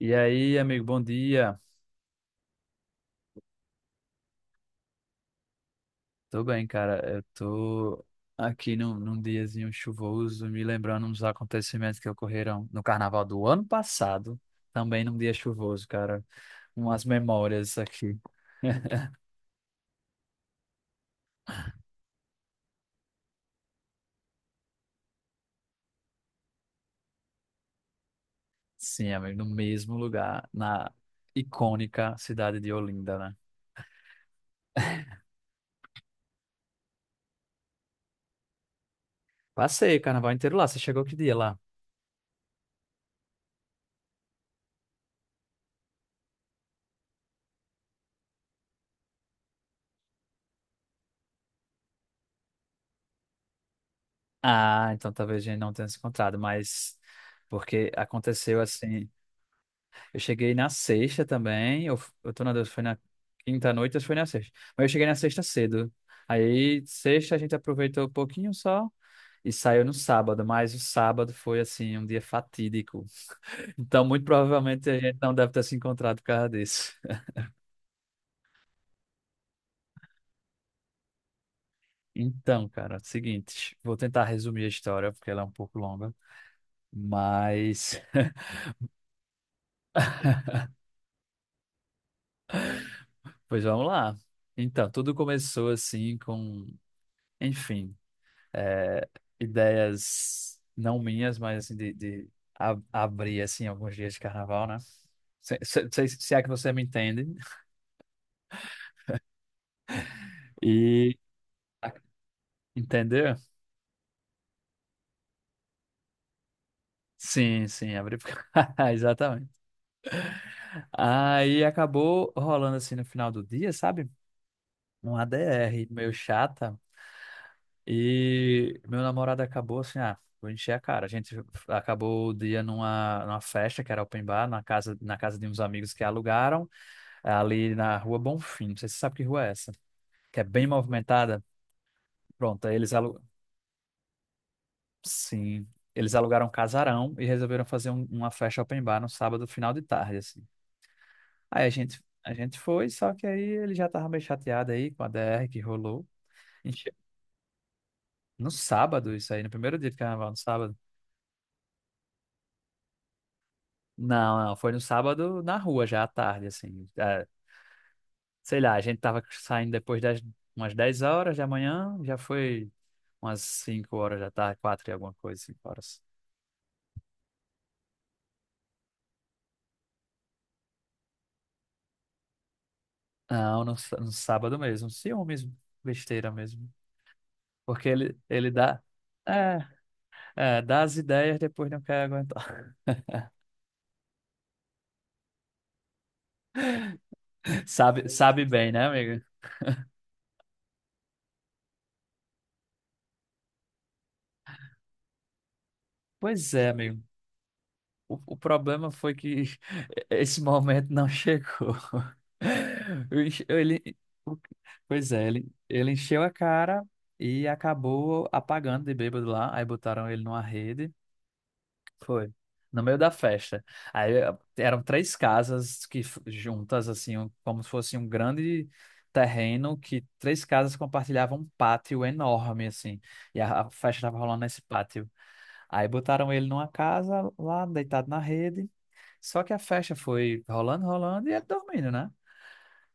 E aí, amigo, bom dia. Tô bem, cara. Eu tô aqui num diazinho chuvoso, me lembrando uns acontecimentos que ocorreram no carnaval do ano passado, também num dia chuvoso, cara. Umas memórias aqui. Sim, amigo, no mesmo lugar, na icônica cidade de Olinda, né? Passei o carnaval inteiro lá. Você chegou que dia lá? Ah, então talvez a gente não tenha se encontrado, mas porque aconteceu assim. Eu cheguei na sexta também. Eu tô na dúvida se foi na quinta à noite ou se foi na sexta. Mas eu cheguei na sexta cedo. Aí, sexta, a gente aproveitou um pouquinho só e saiu no sábado. Mas o sábado foi, assim, um dia fatídico. Então, muito provavelmente a gente não deve ter se encontrado por causa disso. Então, cara, é o seguinte, vou tentar resumir a história, porque ela é um pouco longa. Mas, pois vamos lá. Então, tudo começou assim com. Enfim. é, ideias não minhas, mas assim, de abrir assim alguns dias de carnaval, né? Se é que você me entende. E entendeu? Sim, sim, abrir exatamente. Aí acabou rolando assim no final do dia, sabe? Um ADR meio chata. E meu namorado acabou assim, ah, vou encher a cara. A gente acabou o dia numa festa que era open bar na casa de uns amigos que alugaram. É ali na Rua Bonfim. Não sei se você sabe que rua é essa, que é bem movimentada. Pronto, aí eles alu... Sim, eles alugaram um casarão e resolveram fazer uma festa open bar no sábado, final de tarde, assim. Aí a gente foi, só que aí ele já tava meio chateado aí com a DR que rolou. Enche- No sábado, isso aí, no primeiro dia de carnaval, no sábado. Não, não, foi no sábado na rua já à tarde, assim. É, sei lá, a gente tava saindo depois das umas 10 horas da manhã, já foi umas 5 horas da tarde, 4 e alguma coisa, 5 horas. Não, no sábado mesmo, ciúmes, besteira mesmo. Porque ele dá. É, é, dá as ideias, depois não quer aguentar. Sabe, sabe bem, né, amigo? Pois é, amigo. O problema foi que esse momento não chegou. Eu enche- Ele, o- pois é, ele encheu a cara e acabou apagando de bêbado lá. Aí botaram ele numa rede. Foi. No meio da festa. Aí eram três casas juntas, assim, como se fosse um grande terreno que três casas compartilhavam um pátio enorme, assim. E a festa estava rolando nesse pátio. Aí botaram ele numa casa lá, deitado na rede. Só que a festa foi rolando, rolando e ele dormindo, né?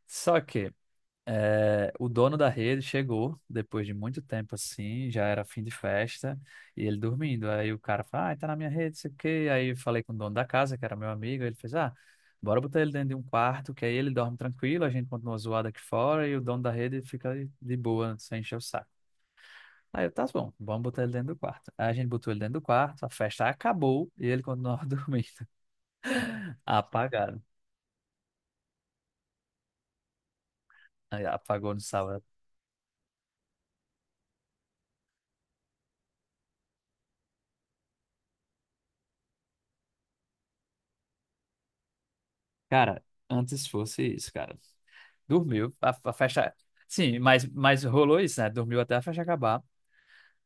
Só que o dono da rede chegou depois de muito tempo assim, já era fim de festa, e ele dormindo. Aí o cara falou: Ah, tá na minha rede, sei o quê. Aí eu falei com o dono da casa, que era meu amigo, ele fez: Ah, bora botar ele dentro de um quarto, que aí ele dorme tranquilo, a gente continua zoado aqui fora, e o dono da rede fica de boa, sem encher o saco. Aí eu, tá bom, vamos botar ele dentro do quarto. Aí a gente botou ele dentro do quarto, a festa acabou e ele continuava dormindo, apagado. Aí apagou no sábado. Cara, antes fosse isso, cara. Dormiu, a festa. Sim, mas rolou isso, né? Dormiu até a festa acabar.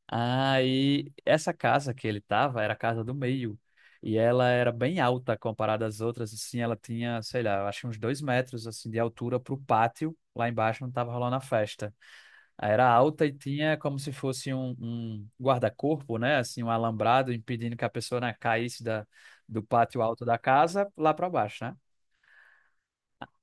Aí, essa casa que ele tava era a casa do meio. E ela era bem alta comparada às outras, assim. Ela tinha, sei lá, eu acho que uns 2 metros, assim, de altura pro pátio, lá embaixo, onde tava rolando a festa. Aí era alta e tinha como se fosse um guarda-corpo, né? Assim, um alambrado impedindo que a pessoa, né, caísse do pátio alto da casa lá para baixo, né?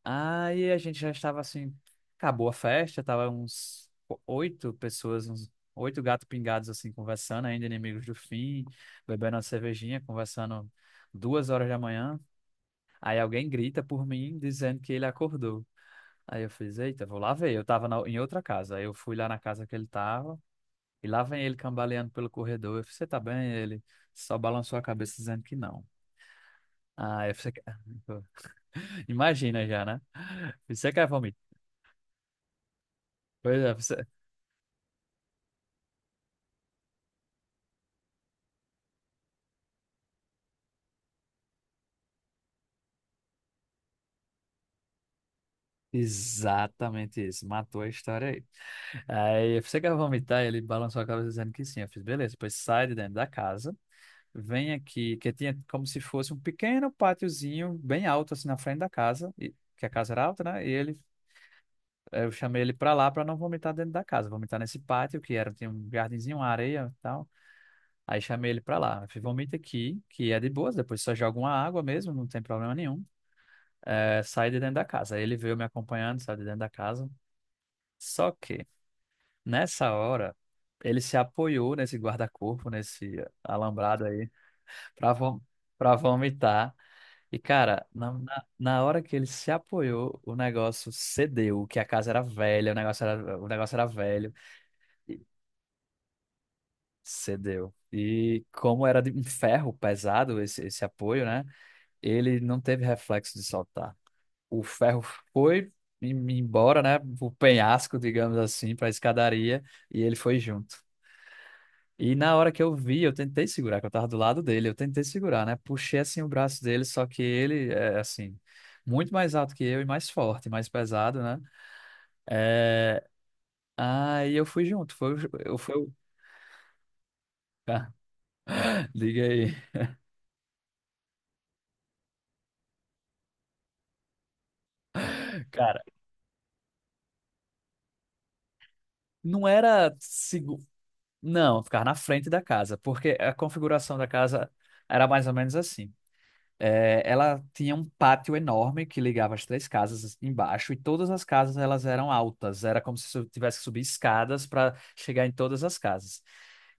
Aí a gente já estava assim, acabou a festa, tava uns oito pessoas, uns oito gatos pingados assim, conversando, ainda inimigos do fim, bebendo uma cervejinha, conversando 2 horas da manhã. Aí alguém grita por mim, dizendo que ele acordou. Aí eu fiz, eita, vou lá ver. Eu tava em outra casa. Aí eu fui lá na casa que ele tava, e lá vem ele cambaleando pelo corredor. Eu fiz, você tá bem? Ele só balançou a cabeça dizendo que não. Ah, eu fiz, imagina já, né? Você quer vomitar? Pois é, exatamente isso, matou a história aí. Aí você quer vomitar, ele balançou a cabeça dizendo que sim. Eu fiz, beleza, depois sai de dentro da casa, vem aqui, que tinha como se fosse um pequeno pátiozinho bem alto assim na frente da casa, e, que a casa era alta, né? E ele, eu chamei ele pra lá pra não vomitar dentro da casa, vomitar nesse pátio que era, tinha um jardinzinho, uma areia e tal. Aí chamei ele pra lá, eu fiz, vomita aqui, que é de boas, depois só joga uma água mesmo, não tem problema nenhum. É, sai de dentro da casa. Aí ele veio me acompanhando, sai de dentro da casa. Só que. Nessa hora, ele se apoiou nesse guarda-corpo, nesse alambrado aí, para para vomitar. E, cara, na hora que ele se apoiou, o negócio cedeu, que a casa era velha, o negócio era velho, e cedeu. E como era de um ferro pesado esse apoio, né? Ele não teve reflexo de soltar. O ferro foi embora, né? O penhasco, digamos assim, para a escadaria, e ele foi junto. E na hora que eu vi, eu tentei segurar, que eu tava do lado dele, eu tentei segurar, né? Puxei assim o braço dele, só que ele é assim, muito mais alto que eu e mais forte, mais pesado, né? É. Aí eu fui junto, foi, eu fui. Liga aí. Cara, não era seguro. Não, ficar na frente da casa, porque a configuração da casa era mais ou menos assim. É, ela tinha um pátio enorme que ligava as três casas embaixo e todas as casas elas eram altas. Era como se tivesse que subir escadas para chegar em todas as casas.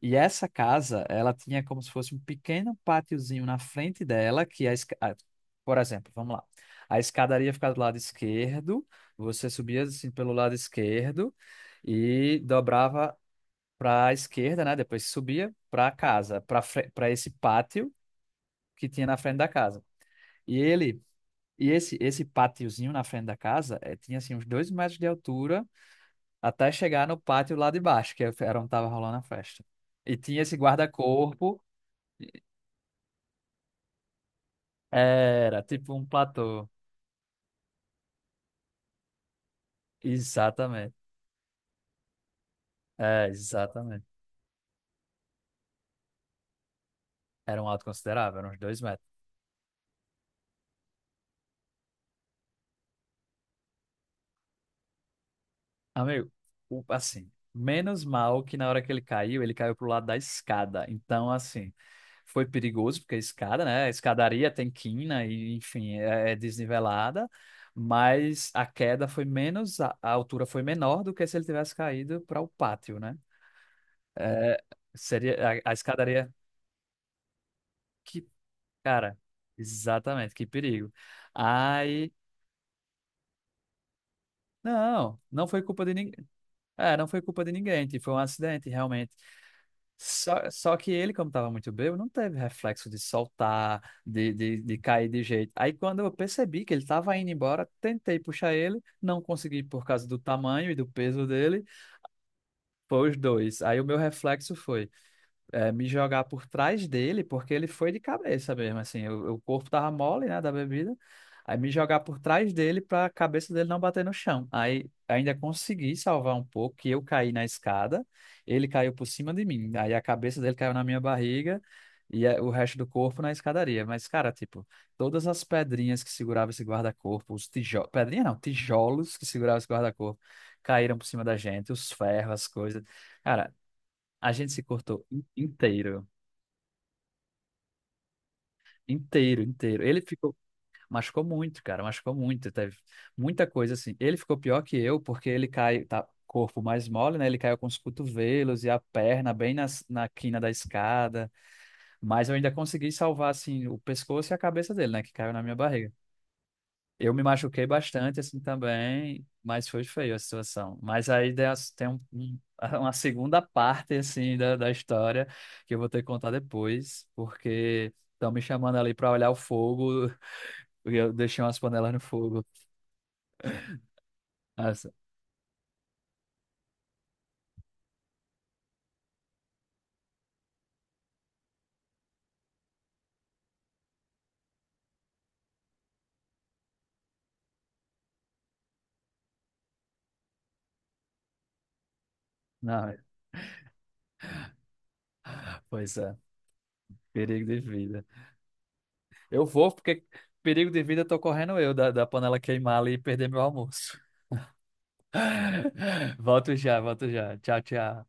E essa casa, ela tinha como se fosse um pequeno pátiozinho na frente dela que ah, por exemplo, vamos lá. A escadaria ficava do lado esquerdo, você subia assim pelo lado esquerdo e dobrava para a esquerda, né? Depois subia para a casa, para esse pátio que tinha na frente da casa. E ele e esse pátiozinho na frente da casa tinha assim uns 2 metros de altura até chegar no pátio lá de baixo, que era onde tava rolando a festa. E tinha esse guarda-corpo, era tipo um platô. Exatamente. É, exatamente. Era um alto considerável, eram uns 2 metros. Amigo, assim, menos mal que na hora que ele caiu pro lado da escada. Então, assim, foi perigoso, porque a escada, né? A escadaria tem quina e, enfim, é desnivelada. Mas a queda foi menos, a altura foi menor do que se ele tivesse caído para o pátio, né? É, seria a escadaria. Que, cara, exatamente, que perigo. Aí. Não, não foi culpa de ninguém. É, não foi culpa de ninguém. Tipo, foi um acidente, realmente. Só que ele, como estava muito bêbado, não teve reflexo de soltar, de cair de jeito. Aí, quando eu percebi que ele estava indo embora, tentei puxar ele, não consegui por causa do tamanho e do peso dele, foi os dois. Aí, o meu reflexo foi me jogar por trás dele, porque ele foi de cabeça mesmo, assim, o corpo tava mole, né, da bebida, aí me jogar por trás dele para a cabeça dele não bater no chão. Aí ainda consegui salvar um pouco, que eu caí na escada, ele caiu por cima de mim, aí a cabeça dele caiu na minha barriga e o resto do corpo na escadaria. Mas, cara, tipo, todas as pedrinhas que segurava esse guarda-corpo, os tijolos, pedrinha não, tijolos que segurava esse guarda-corpo, caíram por cima da gente, os ferros, as coisas. Cara, a gente se cortou inteiro, inteiro, inteiro. Ele ficou, machucou muito, cara, machucou muito, teve muita coisa assim. Ele ficou pior que eu porque ele cai, tá corpo mais mole, né? Ele caiu com os cotovelos e a perna bem na quina da escada, mas eu ainda consegui salvar assim o pescoço e a cabeça dele, né, que caiu na minha barriga. Eu me machuquei bastante assim também, mas foi feio a situação. Mas aí tem uma segunda parte assim da história que eu vou ter que contar depois, porque estão me chamando ali para olhar o fogo e eu deixei umas panelas no fogo. Nossa, não, pois é, perigo de vida. Eu vou porque perigo de vida eu tô correndo eu da panela queimar ali e perder meu almoço. Volto já, volto já. Tchau, tchau.